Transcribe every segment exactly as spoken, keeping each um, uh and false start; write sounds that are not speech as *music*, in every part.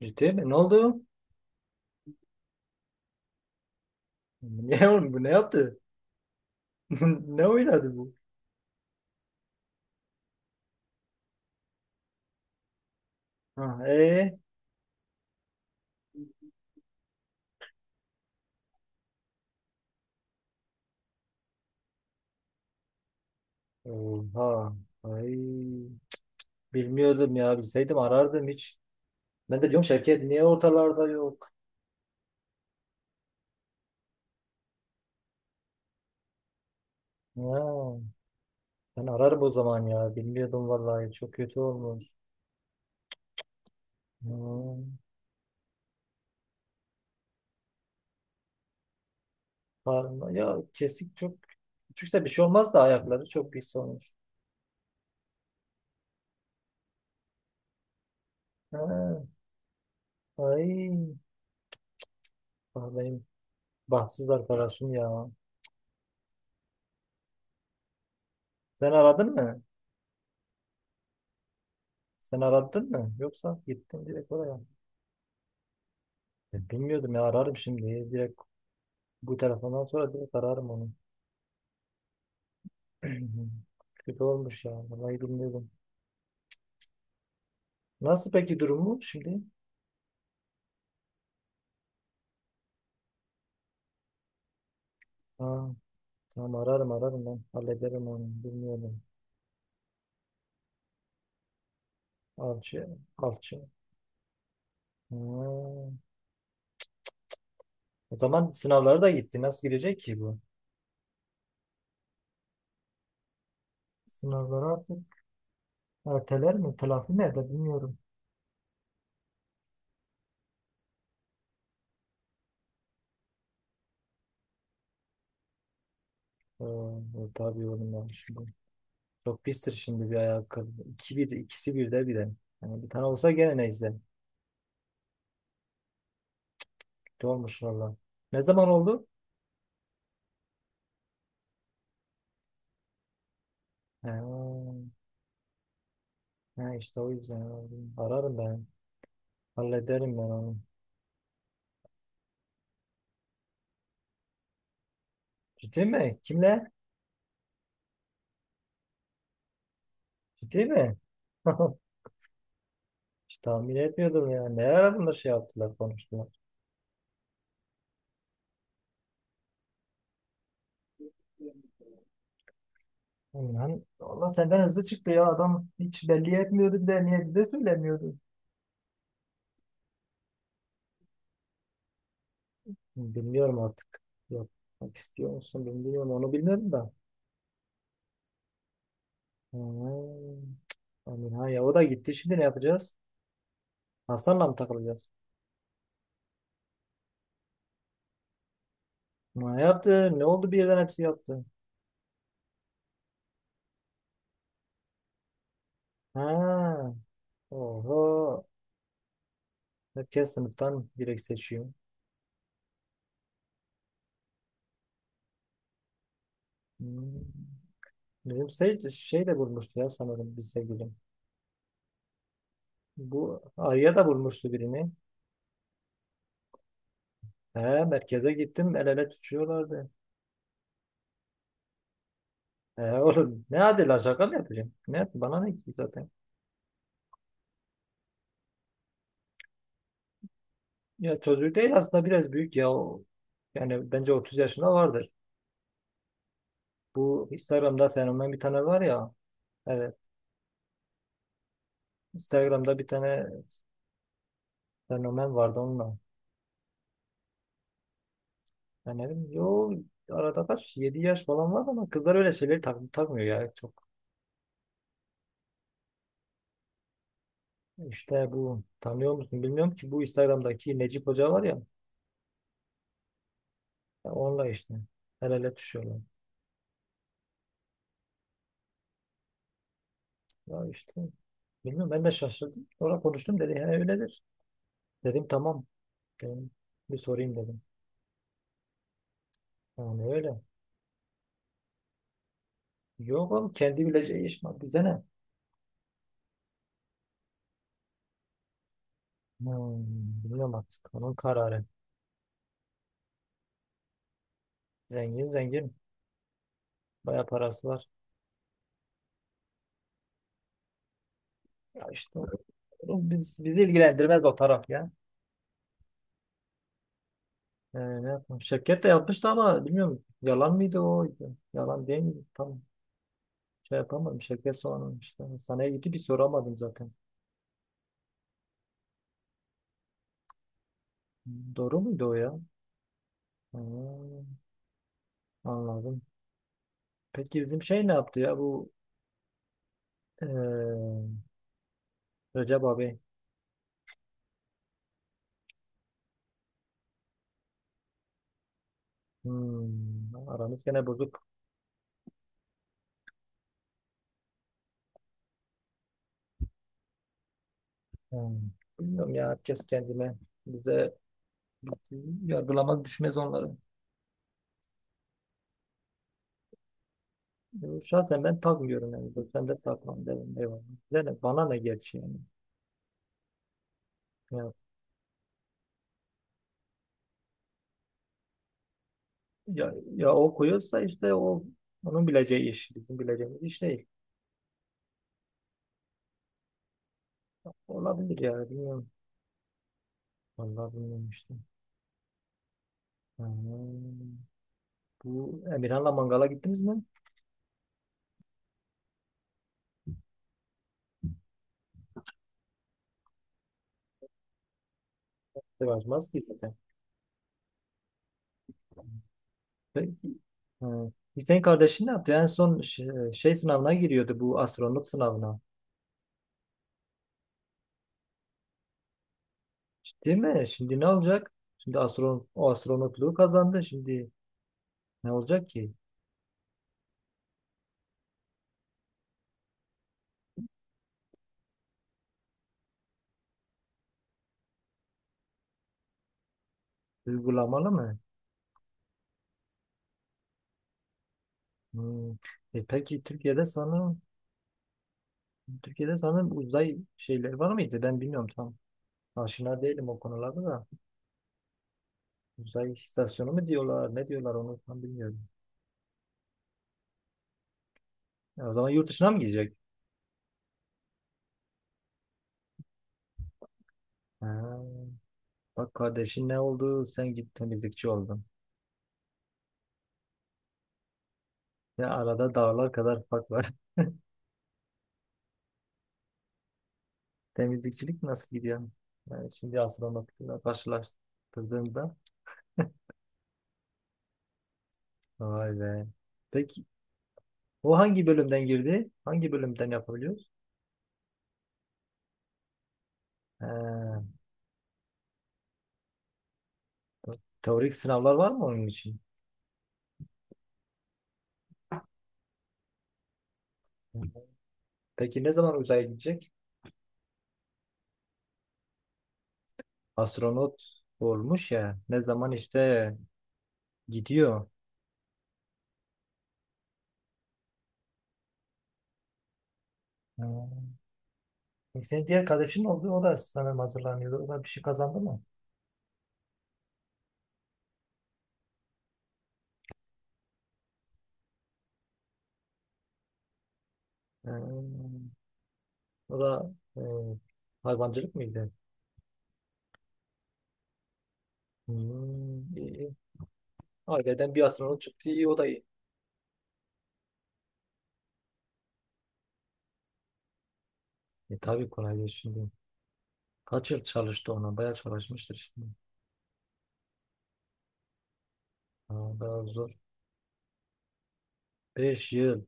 Ciddi mi? Ne oldu? Ne oğlum bu ne yaptı? *laughs* Ne oynadı bu? Ha, ee? Oha. Ay. Bilmiyordum ya. Bilseydim arardım hiç. Ben de diyorum Şevket niye ortalarda yok? Ha, ben ararım o zaman ya. Bilmiyordum vallahi. Çok kötü olmuş. Ha, parma- ya kesik çok küçükse bir şey olmaz da ayakları çok pis olmuş. Ha, ay. Ah, benim bahtsız arkadaşım ya. Sen aradın mı? Sen aradın mı? Yoksa gittin direkt oraya. E, bilmiyordum ya, ararım şimdi. Direkt bu telefondan sonra direkt ararım onu. *clears throat* Kötü olmuş ya. Vallahi bilmiyordum. Nasıl peki durumu şimdi? Ha, tamam, ararım ararım ben. Hallederim onu. Bilmiyordum. Alçı. Alçı. Ha. O zaman sınavlara da gitti. Nasıl gidecek ki bu? Sınavları artık erteler mi? Telafi mi eder bilmiyorum. Ha, e, tabii oğlum ya şimdi. Çok pistir şimdi bir ayakkabı. İki bir, ikisi bir de bir de. Yani bir tane olsa gene neyse. Kötü olmuş valla. Ne zaman oldu? Ha, ha işte o yüzden aradım. Ararım ben. Hallederim ben onu. Ciddi mi? Kimle? Ciddi mi? *laughs* Hiç tahmin etmiyordum ya. Ne ara bunlar şey yaptılar, konuştular. Ulan valla senden hızlı çıktı ya, adam hiç belli etmiyordu, bir de niye bize söylemiyordu? Bilmiyorum artık. Yapmak istiyor musun bilmiyorum. Onu bilmiyorum da. Ha, aman ha ya, o da gitti. Şimdi ne yapacağız? Hasan'la mı takılacağız? Ne yaptı? Ne oldu birden hepsi yaptı? Ha. Oho. Herkes sınıftan direkt seçiyor. Hmm. Bizim şey, şey de bulmuştu ya sanırım bir sevgilim. Bu Arya da bulmuştu birini. He, merkeze gittim, el ele tutuyorlardı. He, *laughs* oğlum ne adıyla şaka mı yapacağım? Ne, yap- bana ne ki zaten. Ya çocuk değil aslında, biraz büyük ya. O, yani bence otuz yaşında vardır. Bu Instagram'da fenomen bir tane var ya. Evet. Instagram'da bir tane fenomen vardı, onunla. Ben dedim yo, arada kaç yedi yaş falan var, ama kızlar öyle şeyleri tak, takmıyor ya çok. İşte bu, tanıyor musun bilmiyorum ki, bu Instagram'daki Necip Hoca var ya, ya onunla işte el ele düşüyorlar. Ya işte bilmiyorum, ben de şaşırdım. Sonra konuştum, dedi he öyledir. Dedim tamam, dedim bir sorayım dedim. Yani öyle. Yok oğlum, kendi bileceği iş mi? Bize ne? Hmm, bilmiyorum artık, onun kararı. Zengin zengin, bayağı parası var. Ya işte oğlum, biz, bizi ilgilendirmez o taraf ya. Ee, ne yapmış? Şirket de yapmıştı ama bilmiyorum, yalan mıydı o? Yalan değil miydi? Tam şey yapamadım. Şirket sonra işte hastaneye gitti, bir soramadım zaten. Doğru muydu o ya? Ha, anladım. Peki bizim şey ne yaptı ya, bu eee Recep abi? Hmm, aramız gene bozuk. Hmm, bilmiyorum ya, herkes kendine. Bize yargılamaz düşmez onları. Ee, Şahsen ben takmıyorum yani. Sen de takmam derim. Eyvallah. Bize ne, bana ne gerçi yani. Ya, ya o koyuyorsa işte o, onun bileceği iş. Bizim bileceğimiz iş değil. Olabilir yani, bilmiyorum. Vallahi bilmiyorum işte. Ha, bu Emirhan'la mangala gittiniz mi? Sevmez ki zaten. Peki. Ha. Hüseyin kardeşin ne yaptı? En son şey, şey sınavına giriyordu, bu astronot sınavına. Ciddi mi? Şimdi ne olacak? Şimdi astron o astronotluğu kazandı. Şimdi ne olacak ki? Uygulamalı mı? Hmm. E peki, Türkiye'de sana Türkiye'de sanırım uzay şeyleri var mıydı? Ben bilmiyorum tam. Aşina değilim o konularda da. Uzay istasyonu mu diyorlar? Ne diyorlar onu tam bilmiyorum. Ya o zaman yurt dışına mı gidecek? Ha, bak kardeşin ne oldu? Sen git temizlikçi oldun. Ya arada dağlar kadar fark var. *laughs* Temizlikçilik nasıl gidiyor? Yani şimdi astronomikle karşılaştırdığında. Vay be. Peki o hangi bölümden girdi? Hangi bölümden yapabiliyoruz? Ha, teorik sınavlar var mı onun için? Peki ne zaman uzaya gidecek? Astronot olmuş ya. Ne zaman işte gidiyor. Ha. Peki senin diğer kardeşin oldu. O da sanırım hazırlanıyordu. O da bir şey kazandı mı? Ee, o da e, hayvancılık mıydı? Hmm, iyi, iyi. Aileden bir astronot çıktı. İyi o da iyi. E, tabii kolay değil şimdi. Kaç yıl çalıştı ona? Bayağı çalışmıştır şimdi. Ha, bayağı zor. Beş yıl.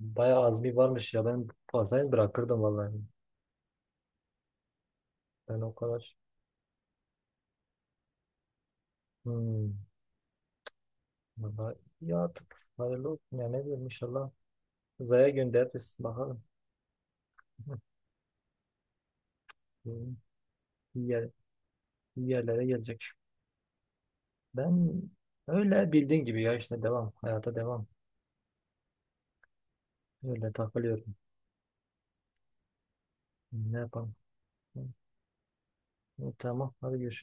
Bayağı azmi varmış ya. Ben fazlayı bırakırdım vallahi. Ben o kadar. Hmm. Vallahi ya, artık hayırlı olsun ya, ne diyeyim, inşallah uzaya göndeririz bakalım. *laughs* Hı. İyi, yer, iyi yerlere gelecek. Ben öyle bildiğin gibi ya, işte devam, hayata devam. Öyle takılıyorum. Ne yapalım? Hı, tamam, hadi görüşürüz.